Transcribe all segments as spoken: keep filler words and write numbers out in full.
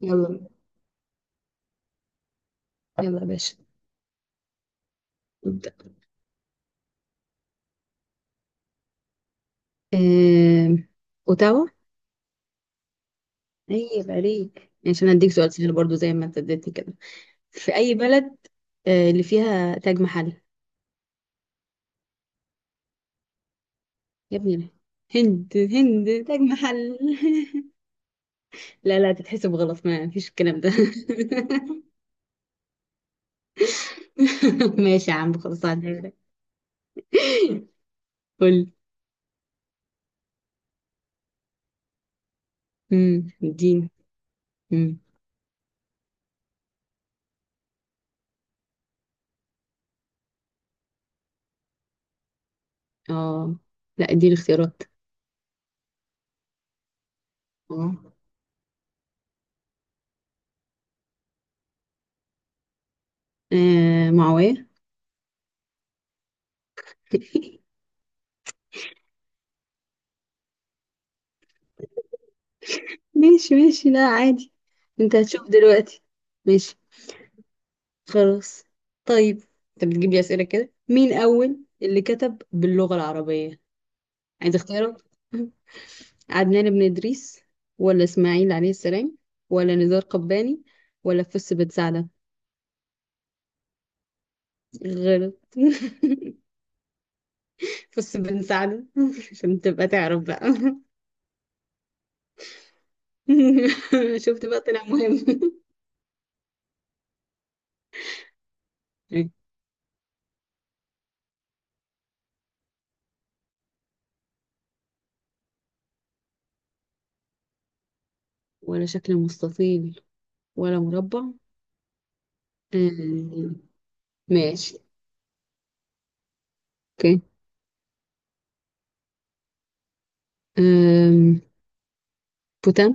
يلا يلا يا باشا. نبدأ. آم، أوتاوا. أي عيب عليك يعني؟ عشان أديك سؤال سهل برضو زي ما أنت اديتني كده. في أي بلد آه، اللي فيها تاج محل؟ يا ابني، هند هند تاج محل. لا لا، تتحسب غلط؟ ما فيش الكلام ده. ماشي يا عم، خلاص هعديها لك. قول. امم اديني. امم اه لا، اديني اختيارات. اه، آه، معاوية. ماشي ماشي، لا عادي. انت هتشوف دلوقتي. ماشي. خلاص. طيب، انت بتجيب لي اسئله كده؟ مين اول اللي كتب باللغه العربيه؟ عايز اختيارات. عدنان بن ادريس ولا اسماعيل عليه السلام ولا نزار قباني ولا فس بن سعده؟ غلط. فس بن سعده. عشان تبقى تعرف بقى. شفت بقى، طلع مهم. ولا شكل مستطيل ولا مربع؟ آه، ماشي. اوكي. أم، بوتان.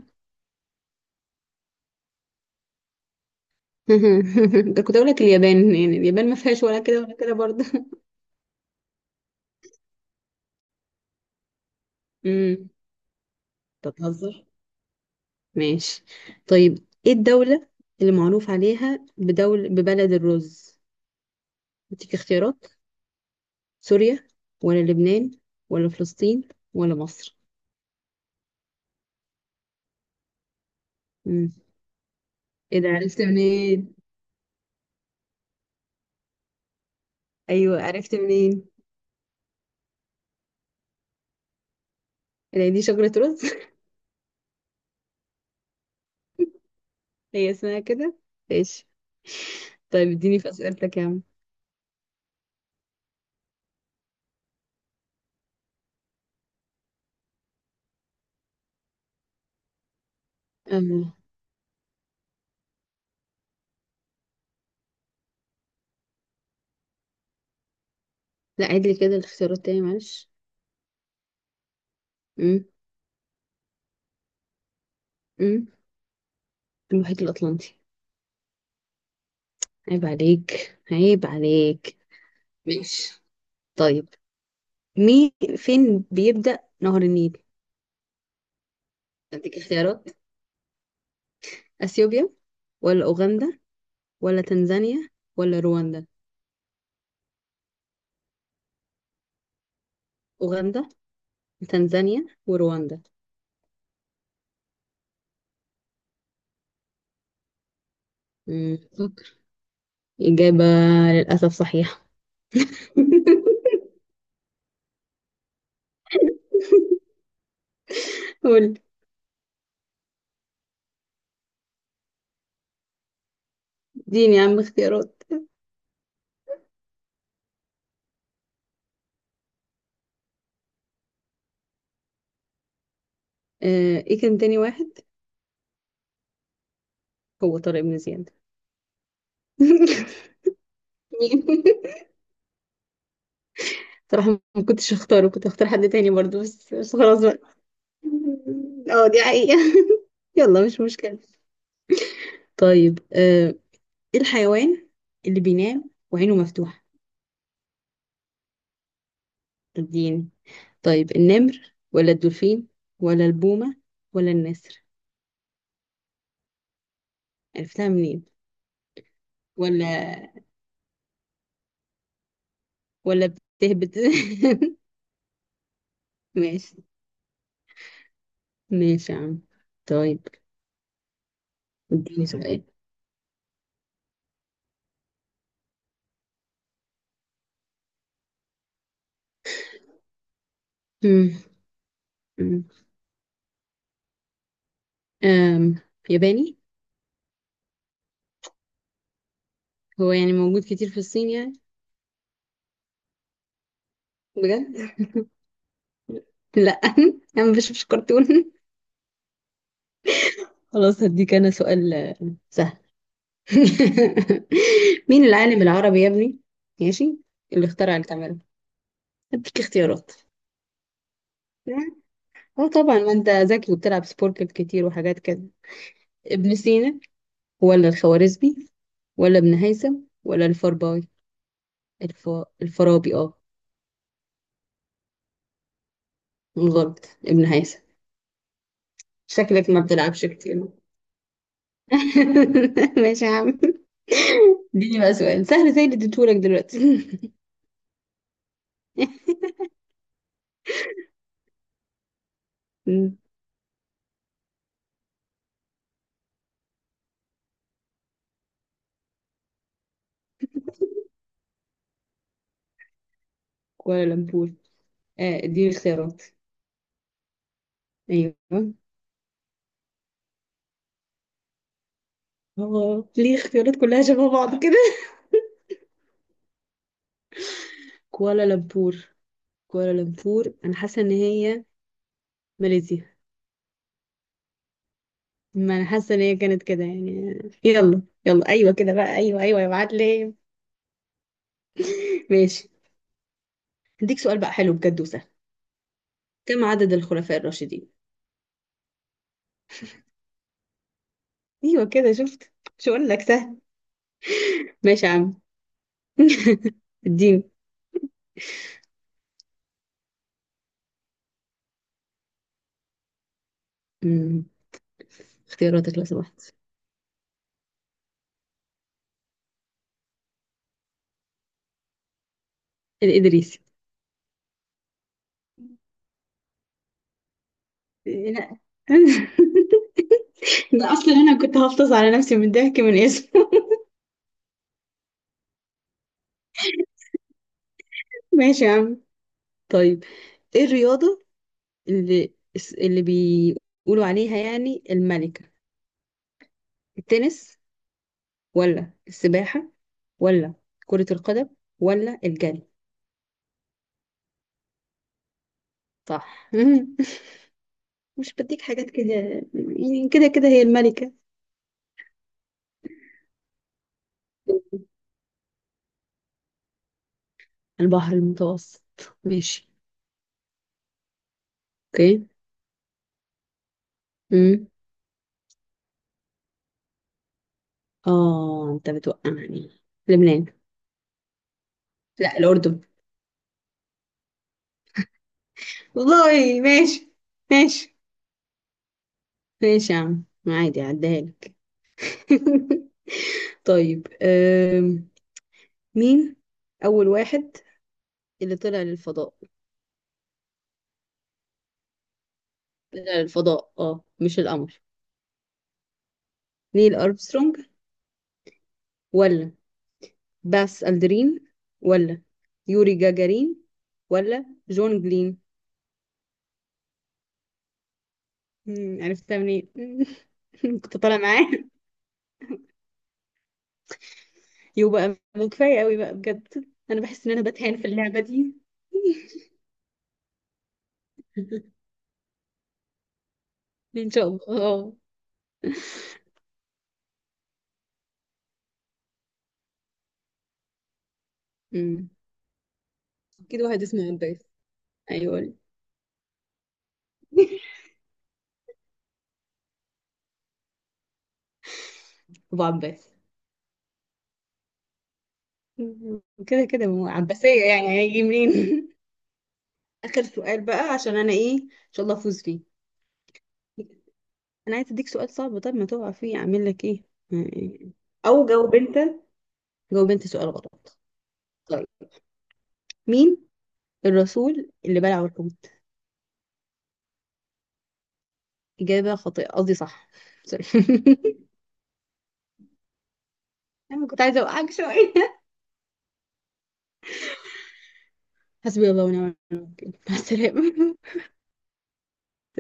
ده كنت اقول لك اليابان، يعني اليابان ما فيهاش ولا كده ولا كده برضه. امم بتهزر. ماشي. طيب، ايه الدولة اللي معروف عليها بدول ببلد الرز؟ اديك اختيارات، سوريا ولا لبنان ولا فلسطين ولا مصر؟ امم ايه ده، عرفت منين؟ ايوه، عرفت منين؟ إيه ده، دي شجرة رز؟ هي اسمها كده. ماشي. طيب اديني في اسئلتك يا عم. أم، لا، عيد لي كده الاختيارات تاني معلش. امم امم المحيط الأطلنطي. عيب عليك، عيب عليك. ماشي. طيب، مين فين بيبدأ نهر النيل؟ أديك اختيارات، أثيوبيا ولا أوغندا ولا تنزانيا ولا رواندا؟ أوغندا، تنزانيا ورواندا. مم. فكر. إجابة للأسف صحيحة. قول. اديني يا عم اختيارات. آه، إيه كان تاني واحد؟ هو طارق بن زياد. مين؟ صراحة ما كنتش اختاره، كنت اختار حد تاني برضه، بس بس خلاص بقى. اه، دي حقيقة. يلا، مش مشكلة. طيب، آه، ايه الحيوان اللي بينام وعينه مفتوحة؟ اديني. طيب، النمر ولا الدولفين ولا البومة ولا النسر؟ عرفتها منين؟ ولا ولا بتهبط. ماشي. ماشي يا عم. طيب اديني سؤال. مم، مم. آم، ياباني. هو يعني موجود كتير في الصين يعني. بجد؟ لا. انا مش مش كرتون. خلاص، هديك انا سؤال آه، سهل. مين العالم العربي يا ابني؟ ماشي، اللي اخترع الكاميرا. اديك اختيارات. اه طبعا، ما انت ذكي وبتلعب سبوركل كتير وحاجات كده. ابن سينا ولا الخوارزمي ولا ابن هيثم ولا الفارابي؟ الف... الفارابي، اه. غلط، ابن هيثم. شكلك ما بتلعبش كتير. ماشي يا عم. اديني بقى سؤال سهل زي اللي اديتهولك دلوقتي. مم. كوالا لمبور، اه، اديني اختيارات. ايوه. هو ليه اختيارات كلها شبه بعض كده؟ كوالالمبور، كوالالمبور، انا حاسه ان هي ماليزيا. ما انا حاسه ان هي كانت كده يعني. يلا يلا، ايوه كده بقى، ايوه ايوه يا معلم. ماشي. هديك سؤال بقى حلو بجد وسهل. كم عدد الخلفاء الراشدين؟ ايوه كده شفت، مش هقول لك سهل. ماشي يا عم. اديني. مم. اختياراتك لو سمحت. الادريسي. لا. ده اصلا انا كنت هفطس على نفسي من الضحك من اسمه. ماشي يا عم. طيب، ايه الرياضة اللي اللي بيقولوا عليها يعني الملكة؟ التنس ولا السباحة ولا كرة القدم ولا الجري؟ صح. مش بديك حاجات كده، يعني كده كده هي الملكة. البحر المتوسط. ماشي. اوكي. امم اه، انت بتوقعني. لبنان. لا، الأردن. والله ماشي. ماشي. ماشي يا عم، عادي عديها لك. طيب. أم. مين أول واحد اللي طلع للفضاء؟ طلع للفضاء اه، مش القمر. نيل أرمسترونج ولا باس ألدرين ولا يوري جاجارين ولا جون جلين؟ مم، عرفتها منين؟ كنت طالعة معاه. يبقى كفاية قوي بقى بجد. أنا بحس إن أنا بتهان في اللعبة دي. إن شاء الله، اه. مم. اكيد واحد اسمه عباس. أيوه. أبو عباس. كده كده ما هو عباسية، يعني هيجي منين؟ آخر سؤال بقى، عشان أنا إيه إن شاء الله أفوز فيه. انا عايز اديك سؤال صعب، طب ما تقع فيه اعمل لك ايه؟ يعني- او جاوب انت. جاوب انت سؤال غلط. طيب، مين الرسول اللي بلعه الحوت؟ اجابه خاطئه، قصدي صح. سوري. انا كنت عايزه اوقعك شويه. حسبي الله ونعم الوكيل، مع السلامه.